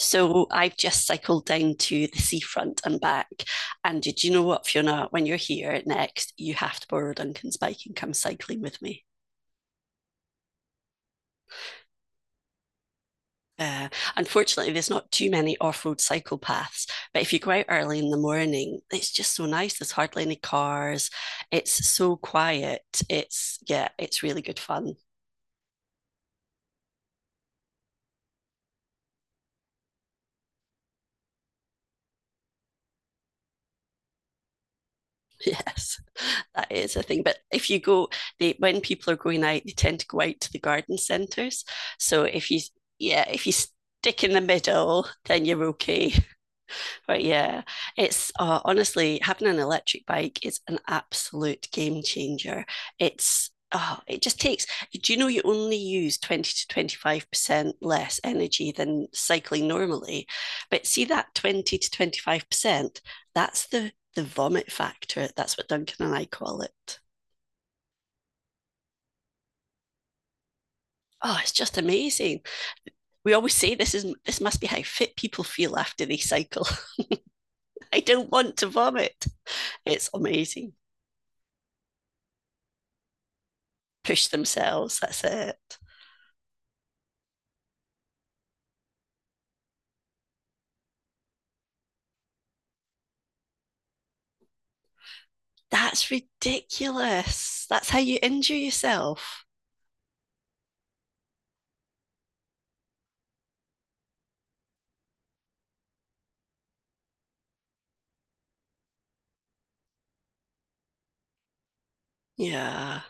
So I've just cycled down to the seafront and back. And did you know what, Fiona? When you're here next, you have to borrow Duncan's bike and come cycling with me. Uh, unfortunately, there's not too many off-road cycle paths, but if you go out early in the morning, it's just so nice. There's hardly any cars. It's so quiet. It's Yeah, it's really good fun. Yes, that is a thing. But if you go, they when people are going out, they tend to go out to the garden centres. So if you, Yeah, if you stick in the middle, then you're okay. But yeah, it's honestly, having an electric bike is an absolute game changer. It's Oh, it just takes. Do you know you only use 20 to 25% less energy than cycling normally? But see that 20 to 25%, that's the vomit factor. That's what Duncan and I call it. Oh, it's just amazing. We always say this must be how fit people feel after they cycle. I don't want to vomit. It's amazing. Push themselves. That's it. That's ridiculous. That's how you injure yourself. Yeah.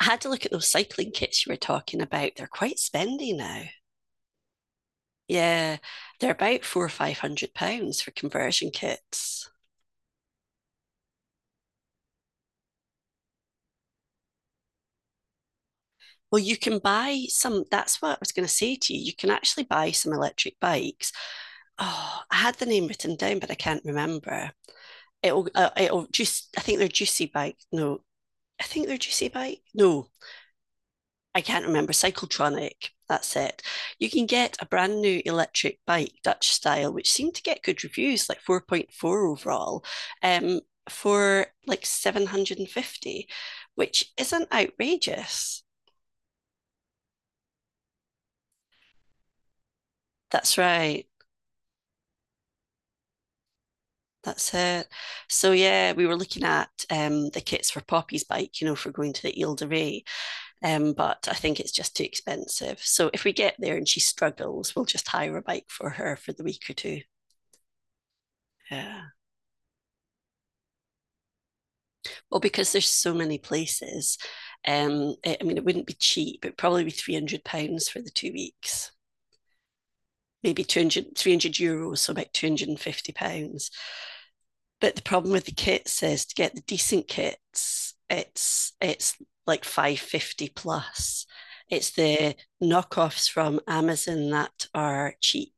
I had to look at those cycling kits you were talking about. They're quite spendy now. Yeah. They're about four or five hundred pounds for conversion kits. Well, you can buy some. That's what I was going to say to you. You can actually buy some electric bikes. Oh, I had the name written down, but I can't remember. It'll just. I think they're juicy bike. No, I think they're juicy bike. No, I can't remember, Cyclotronic, that's it. You can get a brand new electric bike, Dutch style, which seemed to get good reviews, like 4.4 overall, um, for like 750, which isn't outrageous. That's right. That's it. So yeah, we were looking at the kits for Poppy's bike, you know, for going to the Ile de Ré, but I think it's just too expensive. So if we get there and she struggles, we'll just hire a bike for her for the week or two. Yeah. Well, because there's so many places, I mean, it wouldn't be cheap. It'd probably be £300 for the 2 weeks, maybe 200, €300, so about £250. But the problem with the kits is, to get the decent kits, it's like 550 plus. It's the knockoffs from Amazon that are cheap.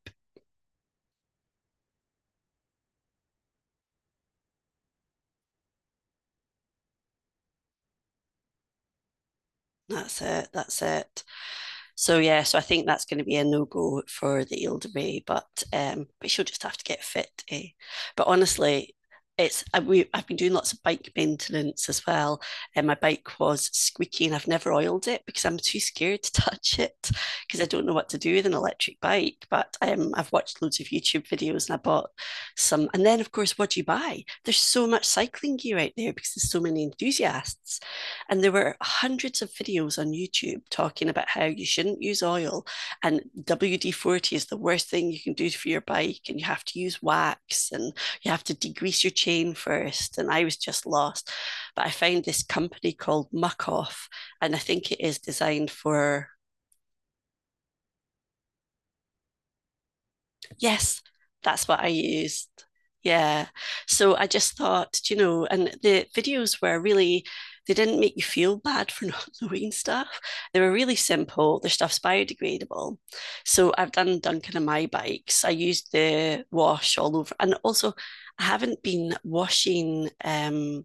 That's it. That's it. So yeah, so I think that's going to be a no go for the Eldebay, but she'll just have to get fit. Eh? But honestly, it's I- we I've been doing lots of bike maintenance as well, and my bike was squeaky, and I've never oiled it because I'm too scared to touch it because I don't know what to do with an electric bike. But I've watched loads of YouTube videos, and I bought some. And then, of course, what do you buy? There's so much cycling gear out there because there's so many enthusiasts. And there were hundreds of videos on YouTube talking about how you shouldn't use oil, and WD 40 is the worst thing you can do for your bike. And you have to use wax, and you have to degrease your chain first. And I was just lost. But I found this company called Muck Off, and I think it is designed for. Yes, that's what I used. Yeah. So I just thought, you know, and the videos were really, they didn't make you feel bad for not knowing stuff. They were really simple. Their stuff's biodegradable. So I've done Duncan and my bikes. I used the wash all over. And also, I haven't been washing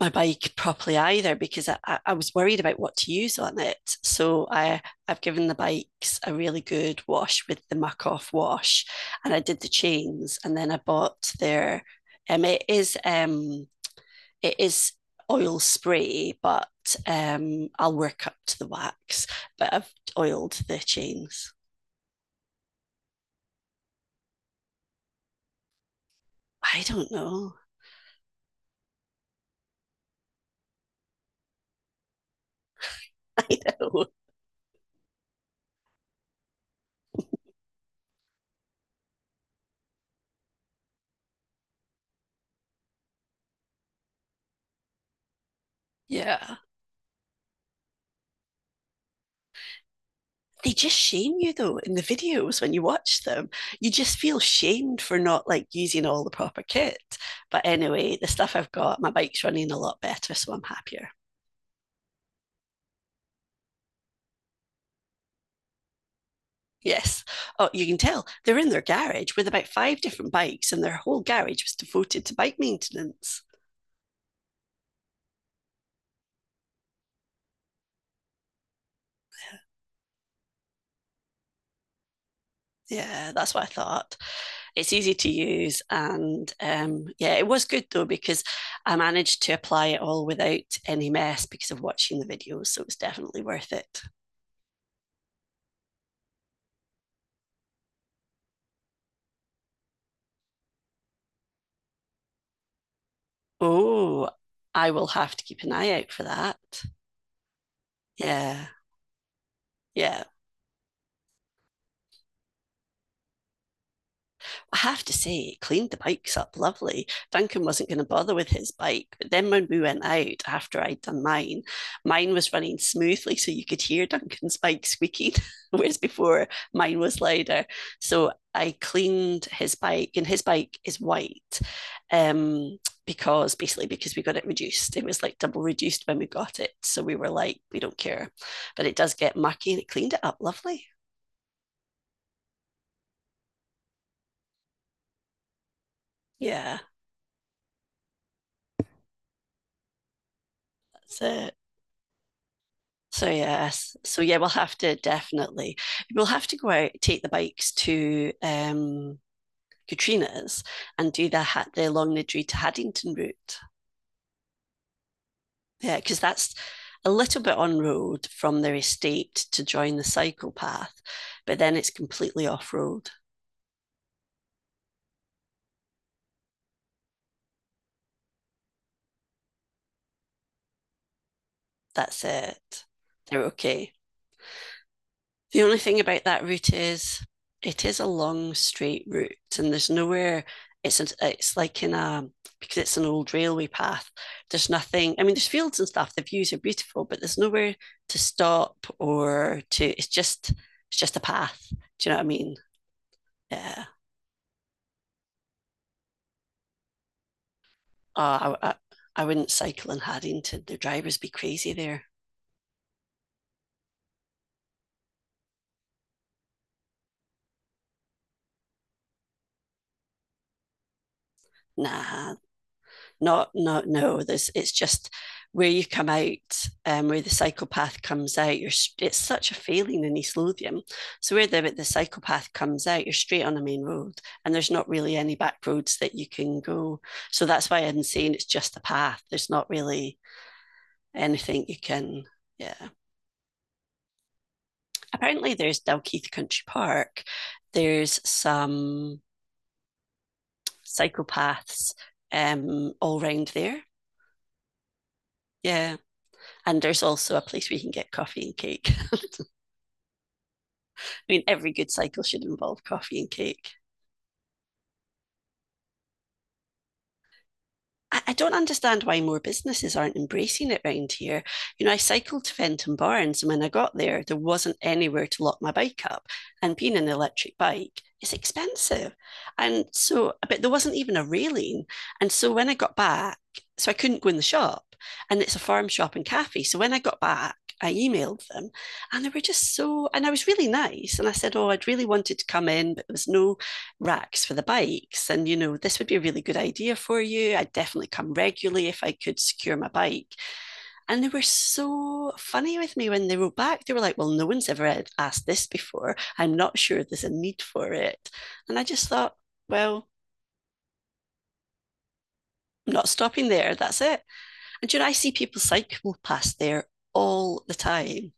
my bike properly either, because I was worried about what to use on it. So I've given the bikes a really good wash with the Muck Off wash. And I did the chains, and then I bought their um it is um it is oil spray, but I'll work up to the wax. But I've oiled the chains. I don't know. I know. Yeah. They just shame you though in the videos when you watch them. You just feel shamed for not like using all the proper kit. But anyway, the stuff I've got, my bike's running a lot better, so I'm happier. Yes. Oh, you can tell they're in their garage with about five different bikes, and their whole garage was devoted to bike maintenance. Yeah, that's what I thought. It's easy to use, and yeah, it was good though because I managed to apply it all without any mess because of watching the videos, so it was definitely worth it. Oh, I will have to keep an eye out for that. Yeah. Yeah. I have to say, it cleaned the bikes up lovely. Duncan wasn't going to bother with his bike. But then when we went out after I'd done mine, mine was running smoothly, so you could hear Duncan's bike squeaking, whereas before mine was louder. So I cleaned his bike, and his bike is white. Um, because basically, because we got it reduced, it was like double reduced when we got it, so we were like, we don't care, but it does get mucky, and it cleaned it up lovely. Yeah, that's it. So yes, so yeah, we'll have to definitely, we'll have to go out, take the bikes to Katrina's, and do the the Longnidree to Haddington route. Yeah, because that's a little bit on road from their estate to join the cycle path, but then it's completely off road. That's it. They're okay. The only thing about that route is, it is a long straight route, and there's nowhere, it's like in a because it's an old railway path, there's nothing. I mean, there's fields and stuff, the views are beautiful, but there's nowhere to stop or to, it's just a path. Do you know what I mean? Yeah. uh, I, I, I wouldn't cycle in Haddington, the drivers be crazy there. Nah, not, no, no, there's, it's just where you come out, where the psychopath comes out, you're it's such a feeling in East Lothian. So where the psychopath comes out, you're straight on a main road, and there's not really any back roads that you can go. So that's why I'm saying it's just a path, there's not really anything you can. Yeah. Apparently there's Dalkeith Country Park, there's some psychopaths all round there. Yeah. And there's also a place where you can get coffee and cake. I mean, every good cycle should involve coffee and cake. I don't understand why more businesses aren't embracing it round here. You know, I cycled to Fenton Barnes, and when I got there, there wasn't anywhere to lock my bike up. And being an electric bike, it's expensive. And so, but there wasn't even a railing. And so when I got back, so I couldn't go in the shop. And it's a farm shop and cafe. So when I got back, I emailed them, and they were just so, and I was really nice. And I said, oh, I'd really wanted to come in, but there was no racks for the bikes. And, you know, this would be a really good idea for you. I'd definitely come regularly if I could secure my bike. And they were so funny with me when they wrote back. They were like, well, no one's ever asked this before. I'm not sure there's a need for it. And I just thought, well, I'm not stopping there. That's it. And, you know, I see people cycle past there all the time.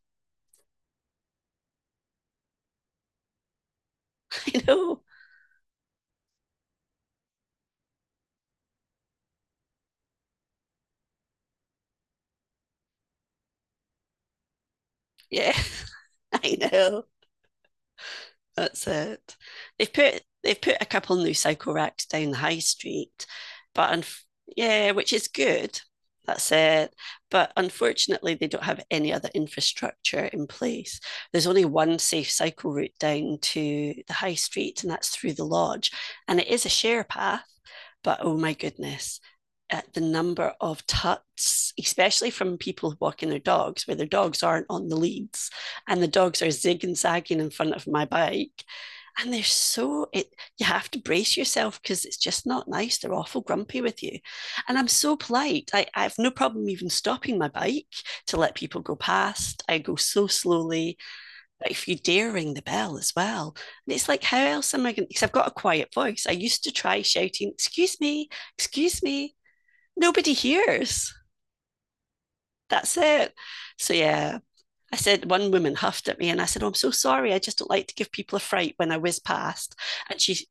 You know? Yeah, I know. That's it. They've put a couple new cycle racks down the high street, but unf- yeah, which is good. That's it. But unfortunately, they don't have any other infrastructure in place. There's only one safe cycle route down to the high street, and that's through the lodge. And it is a share path, but oh my goodness, at the number of tuts, especially from people walking their dogs, where their dogs aren't on the leads, and the dogs are zig and zagging in front of my bike. And they're so it, you have to brace yourself because it's just not nice. They're awful grumpy with you. And I'm so polite. I have no problem even stopping my bike to let people go past. I go so slowly. But if you dare ring the bell as well, and it's like, how else am I going to? Because I've got a quiet voice. I used to try shouting, "Excuse me, excuse me." Nobody hears. That's it. So yeah, I said, one woman huffed at me, and I said, oh, I'm so sorry, I just don't like to give people a fright when I whiz past. And she,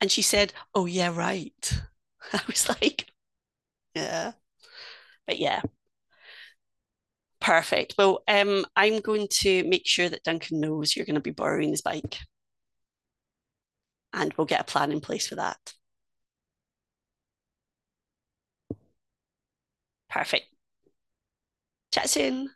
and she said, oh, yeah, right. I was like, yeah, but yeah, perfect. Well, I'm going to make sure that Duncan knows you're going to be borrowing his bike, and we'll get a plan in place for that. Perfect. Chat soon.